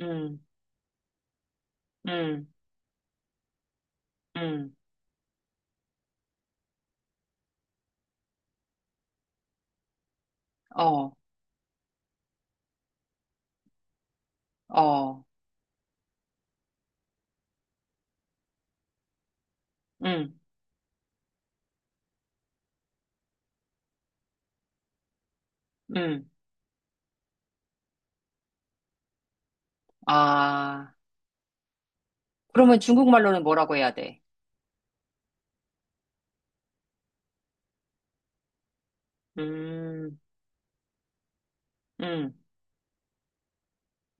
음, 음, 음, 어, 어, 음, 음. 아, 그러면 중국말로는 뭐라고 해야 돼? 음, 음,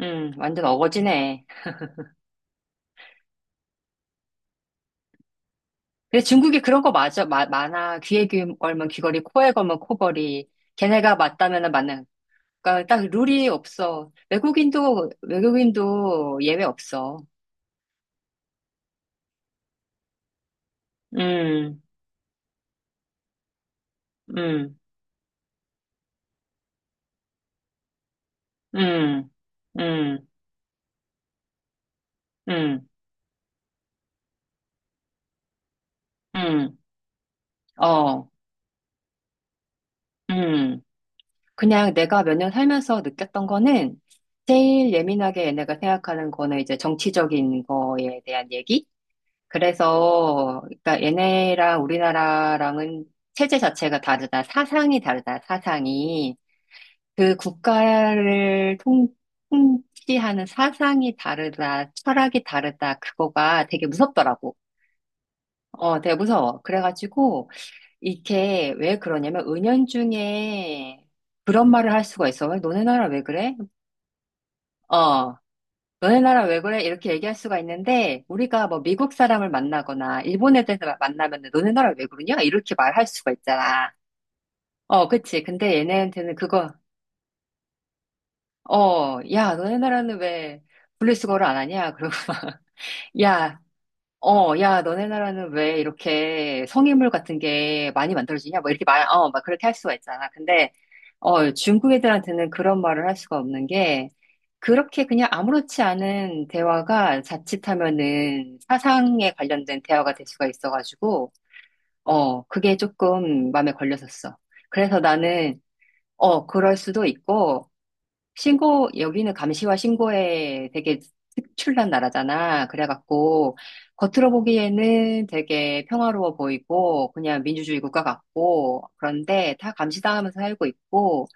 완전 어거지네. 근데 중국이 그런 거 맞아, 많아. 귀에 귀 걸면 귀걸이, 코에 걸면 코걸이. 걔네가 맞다면은 맞는. 그러니까 딱 룰이 없어. 외국인도, 외국인도 예외 없어. 음, 음, 음, 음, 음, 음, 어, 음. 그냥 내가 몇 년 살면서 느꼈던 거는 제일 예민하게 얘네가 생각하는 거는 이제 정치적인 거에 대한 얘기? 그래서, 그러니까 얘네랑 우리나라랑은 체제 자체가 다르다. 사상이 다르다. 사상이. 그 국가를 통치하는 사상이 다르다. 철학이 다르다. 그거가 되게 무섭더라고. 어, 되게 무서워. 그래가지고, 이게 왜 그러냐면, 은연중에 그런 말을 할 수가 있어. 왜 너네 나라 왜 그래? 어, 너네 나라 왜 그래? 이렇게 얘기할 수가 있는데, 우리가 뭐 미국 사람을 만나거나, 일본 애들 만나면 너네 나라 왜 그러냐? 이렇게 말할 수가 있잖아. 어, 그치. 근데 얘네한테는 그거, 어, 야, 너네 나라는 왜 분리수거를 안 하냐? 그러고 막, 야, 어, 야, 너네 나라는 왜 이렇게 성인물 같은 게 많이 만들어지냐? 뭐 이렇게 말, 어, 막 그렇게 할 수가 있잖아. 근데, 어, 중국 애들한테는 그런 말을 할 수가 없는 게, 그렇게 그냥 아무렇지 않은 대화가 자칫하면은 사상에 관련된 대화가 될 수가 있어가지고, 어, 그게 조금 마음에 걸렸었어. 그래서 나는, 어, 그럴 수도 있고, 신고, 여기는 감시와 신고에 되게 특출난 나라잖아. 그래갖고, 겉으로 보기에는 되게 평화로워 보이고, 그냥 민주주의 국가 같고, 그런데 다 감시당하면서 살고 있고,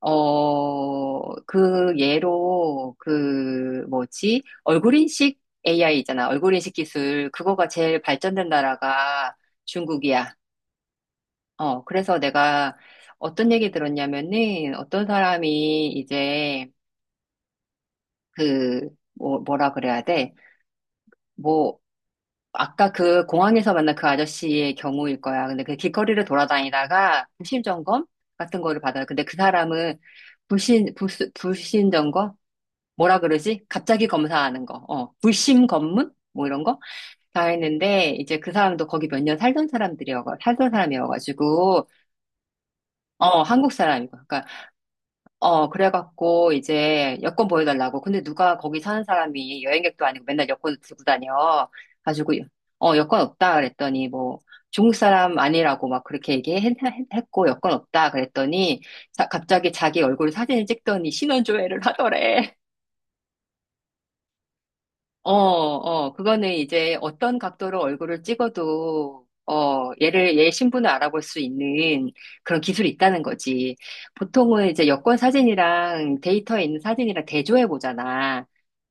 어, 그 예로, 그, 뭐지, 얼굴 인식 AI 있잖아. 얼굴 인식 기술. 그거가 제일 발전된 나라가 중국이야. 어, 그래서 내가 어떤 얘기 들었냐면은, 어떤 사람이 이제, 그, 뭐, 뭐라 그래야 돼? 뭐, 아까 그 공항에서 만난 그 아저씨의 경우일 거야. 근데 그 길거리를 돌아다니다가 불신 점검 같은 거를 받아요. 근데 그 사람은 불신, 불, 불신 점검? 뭐라 그러지? 갑자기 검사하는 거. 어, 불심 검문? 뭐 이런 거? 다 했는데, 이제 그 사람도 거기 몇 년 살던 사람이어가지고, 어, 한국 사람이고. 그러니까 어, 그래갖고 이제 여권 보여달라고. 근데 누가 거기 사는 사람이 여행객도 아니고 맨날 여권을 들고 다녀. 가지고 어, 여권 없다 그랬더니 뭐 중국 사람 아니라고 막 그렇게 얘기했고 여권 없다 그랬더니 갑자기 자기 얼굴 사진을 찍더니 신원 조회를 하더래. 어, 어, 그거는 이제 어떤 각도로 얼굴을 찍어도, 어, 얘 신분을 알아볼 수 있는 그런 기술이 있다는 거지. 보통은 이제 여권 사진이랑 데이터에 있는 사진이랑 대조해 보잖아.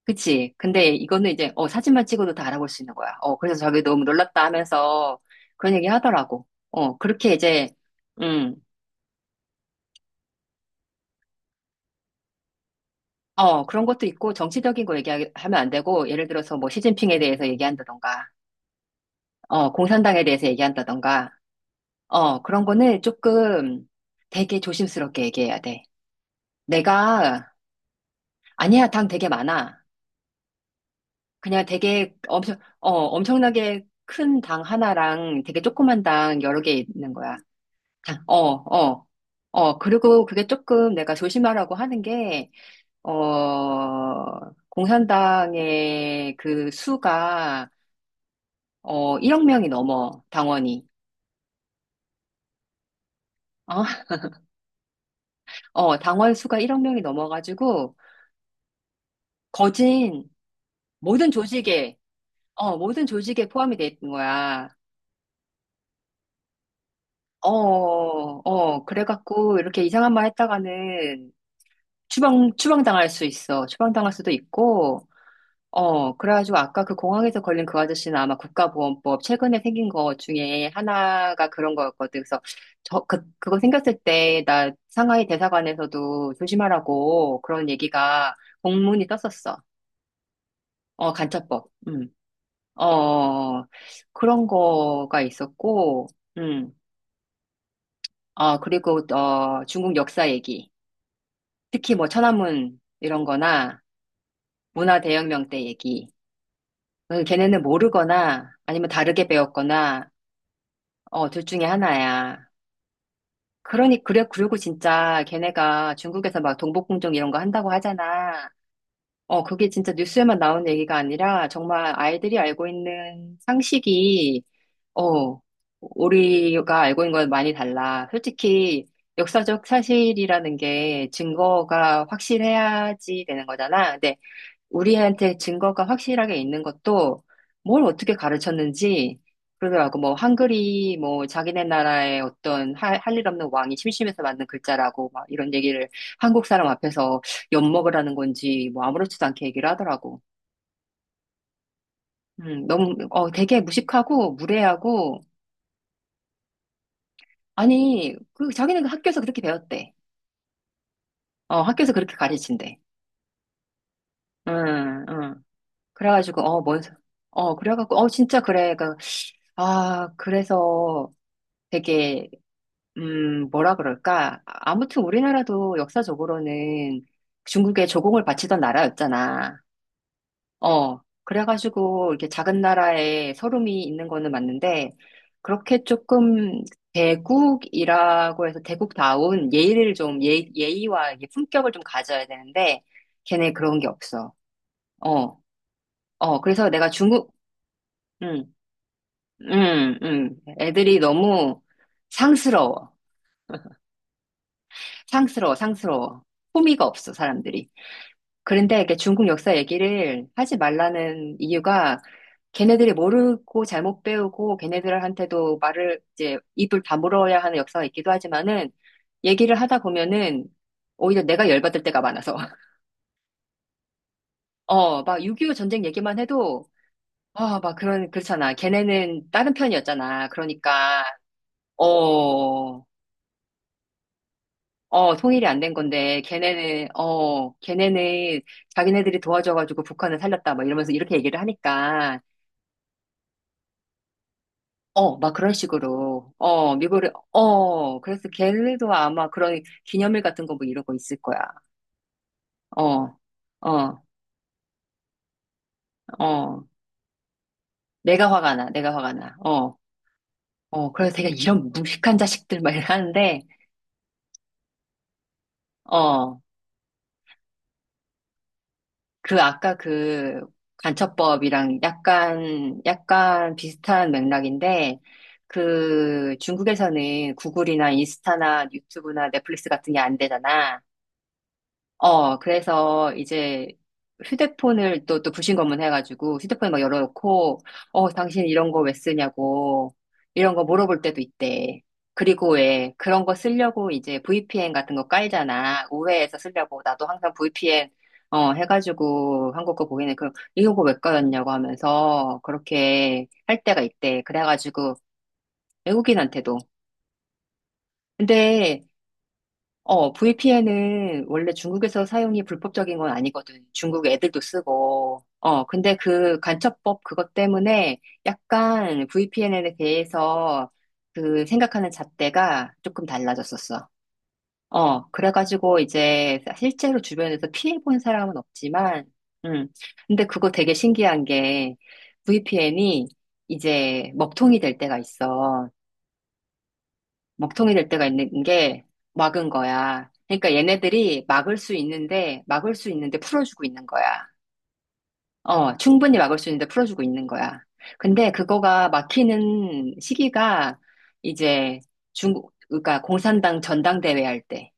그치? 근데 이거는 이제, 어, 사진만 찍어도 다 알아볼 수 있는 거야. 어, 그래서 저게 너무 놀랐다 하면서 그런 얘기 하더라고. 어, 그렇게 이제, 음, 어, 그런 것도 있고, 정치적인 거 얘기하면 안 되고, 예를 들어서 뭐 시진핑에 대해서 얘기한다던가, 어, 공산당에 대해서 얘기한다던가, 어, 그런 거는 조금 되게 조심스럽게 얘기해야 돼. 내가, 아니야, 당 되게 많아. 그냥 되게 엄청, 어, 엄청나게 큰 당 하나랑 되게 조그만 당 여러 개 있는 거야. 당, 어, 어, 어. 그리고 그게 조금 내가 조심하라고 하는 게, 어, 공산당의 그 수가, 어, 1억 명이 넘어, 당원이. 어, 어, 당원 수가 1억 명이 넘어가지고, 거진 모든 조직에 어, 모든 조직에 포함이 돼 있는 거야. 어, 어, 그래갖고 이렇게 이상한 말 했다가는 추방당할 수 있어. 추방당할 수도 있고, 어, 그래가지고 아까 그 공항에서 걸린 그 아저씨는 아마 국가보안법 최근에 생긴 거 중에 하나가 그런 거였거든. 그래서 저, 그, 그거 생겼을 때 나 상하이 대사관에서도 조심하라고 그런 얘기가 공문이 떴었어. 어, 간첩법. 음. 어, 어, 어. 그런 거가 있었고, 음. 어, 그리고, 어, 중국 역사 얘기. 특히 뭐 천안문 이런 거나 문화 대혁명 때 얘기. 어, 걔네는 모르거나 아니면 다르게 배웠거나, 어, 둘 중에 하나야. 그러니, 그래, 그리고 진짜 걔네가 중국에서 막 동북공정 이런 거 한다고 하잖아. 어, 그게 진짜 뉴스에만 나오는 얘기가 아니라 정말 아이들이 알고 있는 상식이 어, 우리가 알고 있는 건 많이 달라. 솔직히 역사적 사실이라는 게 증거가 확실해야지 되는 거잖아. 근데 우리한테 증거가 확실하게 있는 것도 뭘 어떻게 가르쳤는지 그러더라고. 뭐 한글이 뭐 자기네 나라의 어떤 할 일 없는 왕이 심심해서 만든 글자라고 막 이런 얘기를 한국 사람 앞에서 엿먹으라는 건지 뭐 아무렇지도 않게 얘기를 하더라고. 너무 어 되게 무식하고 무례하고 아니, 그, 자기는 그 학교에서 그렇게 배웠대. 어, 학교에서 그렇게 가르친대. 응, 응. 그래가지고, 어, 뭔, 소- 어, 그래가지고, 어, 진짜 그래. 그, 아, 그래서 되게, 뭐라 그럴까. 아무튼 우리나라도 역사적으로는 중국에 조공을 바치던 나라였잖아. 어, 그래가지고 이렇게 작은 나라에 서름이 있는 거는 맞는데, 그렇게 조금 대국이라고 해서 대국다운 예의를 좀, 예의와 이게 품격을 좀 가져야 되는데, 걔네 그런 게 없어. 어, 어, 그래서 내가 중국, 음, 애들이 너무 상스러워. 상스러워, 상스러워. 호미가 없어, 사람들이. 그런데 이게 중국 역사 얘기를 하지 말라는 이유가 걔네들이 모르고 잘못 배우고 걔네들한테도 말을 이제 입을 다물어야 하는 역사가 있기도 하지만은 얘기를 하다 보면은 오히려 내가 열받을 때가 많아서. 어, 막 6.25 전쟁 얘기만 해도 아, 막 그런, 그렇잖아. 걔네는 다른 편이었잖아. 그러니까, 어, 어, 통일이 안 된 건데, 걔네는, 어, 걔네는 자기네들이 도와줘가지고 북한을 살렸다. 막 이러면서 이렇게 얘기를 하니까. 어, 막 그런 식으로, 어, 미국에, 어, 그래서 걔네도 아마 그런 기념일 같은 거 뭐 이러고 있을 거야. 어, 어, 어, 내가 화가 나, 내가 화가 나. 어, 어, 그래서 되게 이런 무식한 자식들 막 이러는데, 어, 그 아까 그 간첩법이랑 약간 비슷한 맥락인데, 그 중국에서는 구글이나 인스타나 유튜브나 넷플릭스 같은 게 안 되잖아. 어, 그래서 이제 휴대폰을 또 불신검문 해가지고 휴대폰에 막 열어놓고, 어, 당신 이런 거 왜 쓰냐고, 이런 거 물어볼 때도 있대. 그리고 왜 그런 거 쓰려고 이제 VPN 같은 거 깔잖아. 우회해서 쓰려고. 나도 항상 VPN, 어, 해가지고 한국 거 보이네. 그럼 이거 왜 깔았냐고 하면서 그렇게 할 때가 있대. 그래가지고 외국인한테도. 근데 어, VPN은 원래 중국에서 사용이 불법적인 건 아니거든. 중국 애들도 쓰고. 어, 근데 그 간첩법 그것 때문에 약간 VPN에 대해서 그 생각하는 잣대가 조금 달라졌었어. 어, 그래가지고 이제 실제로 주변에서 피해본 사람은 없지만, 음, 근데 그거 되게 신기한 게 VPN이 이제 먹통이 될 때가 있어. 먹통이 될 때가 있는 게 막은 거야. 그러니까 얘네들이 막을 수 있는데, 막을 수 있는데 풀어주고 있는 거야. 어, 충분히 막을 수 있는데 풀어주고 있는 거야. 근데 그거가 막히는 시기가 이제 중국, 그러니까 공산당 전당대회 할 때.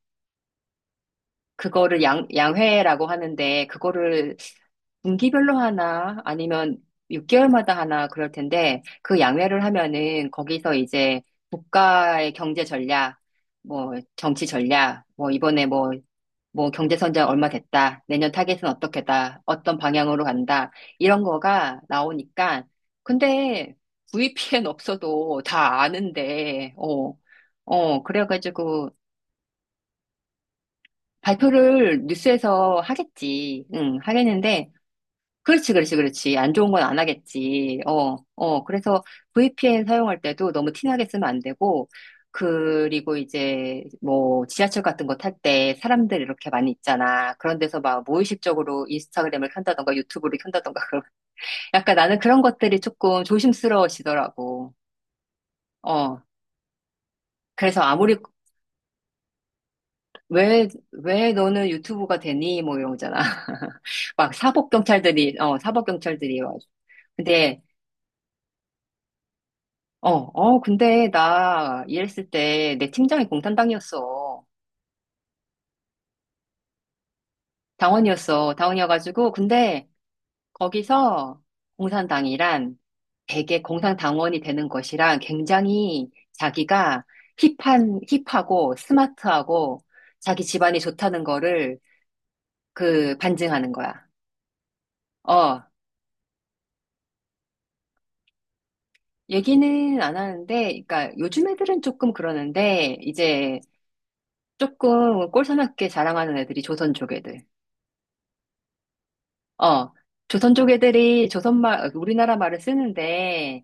그거를 양회라고 하는데, 그거를 분기별로 하나, 아니면 6개월마다 하나 그럴 텐데, 그 양회를 하면은 거기서 이제 국가의 경제 전략, 뭐 정치 전략, 뭐 이번에 뭐, 뭐 경제 성장 얼마 됐다, 내년 타겟은 어떻게다, 어떤 방향으로 간다, 이런 거가 나오니까, 근데 VPN 없어도 다 아는데, 어, 어, 그래가지고, 발표를 뉴스에서 하겠지. 응, 하겠는데, 그렇지, 그렇지, 그렇지. 안 좋은 건 안 하겠지. 어, 어. 그래서 VPN 사용할 때도 너무 티나게 쓰면 안 되고, 그리고 이제 뭐 지하철 같은 거 탈 때 사람들 이렇게 많이 있잖아. 그런 데서 막 무의식적으로 인스타그램을 켠다던가 유튜브를 켠다던가 그런 약간 나는 그런 것들이 조금 조심스러워지더라고. 어. 그래서 아무리 왜, 왜 너는 유튜브가 되니? 뭐 이런 거잖아. 막 사복 경찰들이, 어, 사복 경찰들이 와가지고. 근데, 어, 어, 근데 나 일했을 때 내 팀장이 공산당이었어. 당원이었어. 당원이어가지고. 근데 거기서 공산당이란 되게 공산당원이 되는 것이랑 굉장히 자기가 힙한, 힙하고 스마트하고 자기 집안이 좋다는 거를 그 반증하는 거야. 어, 얘기는 안 하는데, 그러니까 요즘 애들은 조금 그러는데, 이제 조금 꼴사납게 자랑하는 애들이 조선 족 애들. 어, 조선 족 애들이 조선말, 우리나라 말을 쓰는데,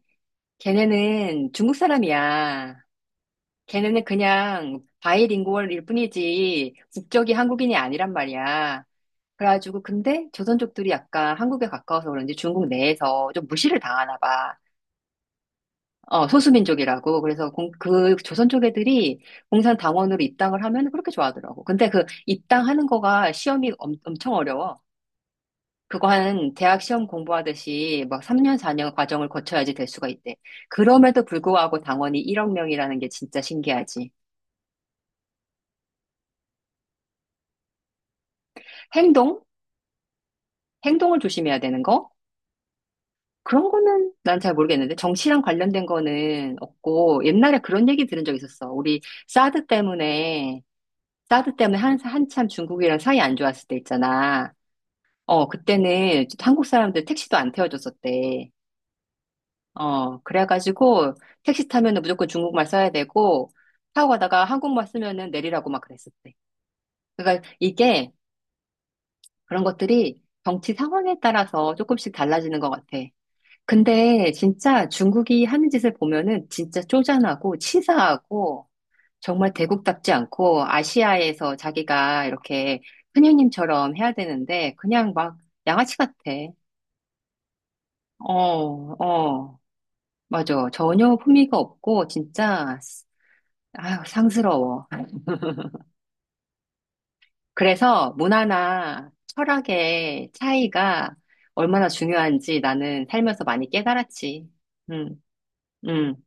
걔네는 중국 사람이야. 걔네는 그냥 바이링구얼일 뿐이지, 국적이 한국인이 아니란 말이야. 그래가지고, 근데 조선족들이 약간 한국에 가까워서 그런지 중국 내에서 좀 무시를 당하나 봐. 어, 소수민족이라고. 그래서 공, 그 조선 쪽 애들이 공산당원으로 입당을 하면 그렇게 좋아하더라고. 근데 그 입당하는 거가 시험이 엄청 어려워. 그거 한 대학 시험 공부하듯이 막 3년, 4년 과정을 거쳐야지 될 수가 있대. 그럼에도 불구하고 당원이 1억 명이라는 게 진짜 신기하지. 행동? 행동을 조심해야 되는 거? 그런 거는 난 잘 모르겠는데 정치랑 관련된 거는 없고 옛날에 그런 얘기 들은 적 있었어. 우리 사드 때문에 사드 때문에 한참 중국이랑 사이 안 좋았을 때 있잖아. 어, 그때는 한국 사람들 택시도 안 태워줬었대. 어, 그래가지고 택시 타면은 무조건 중국말 써야 되고, 타고 가다가 한국말 쓰면은 내리라고 막 그랬었대. 그러니까 이게 그런 것들이 정치 상황에 따라서 조금씩 달라지는 것 같아. 근데 진짜 중국이 하는 짓을 보면은 진짜 쪼잔하고 치사하고 정말 대국답지 않고 아시아에서 자기가 이렇게 큰형님처럼 해야 되는데 그냥 막 양아치 같아. 어, 어, 맞아. 전혀 품위가 없고 진짜 아유, 상스러워. 그래서 문화나 철학의 차이가 얼마나 중요한지 나는 살면서 많이 깨달았지. 음, 음.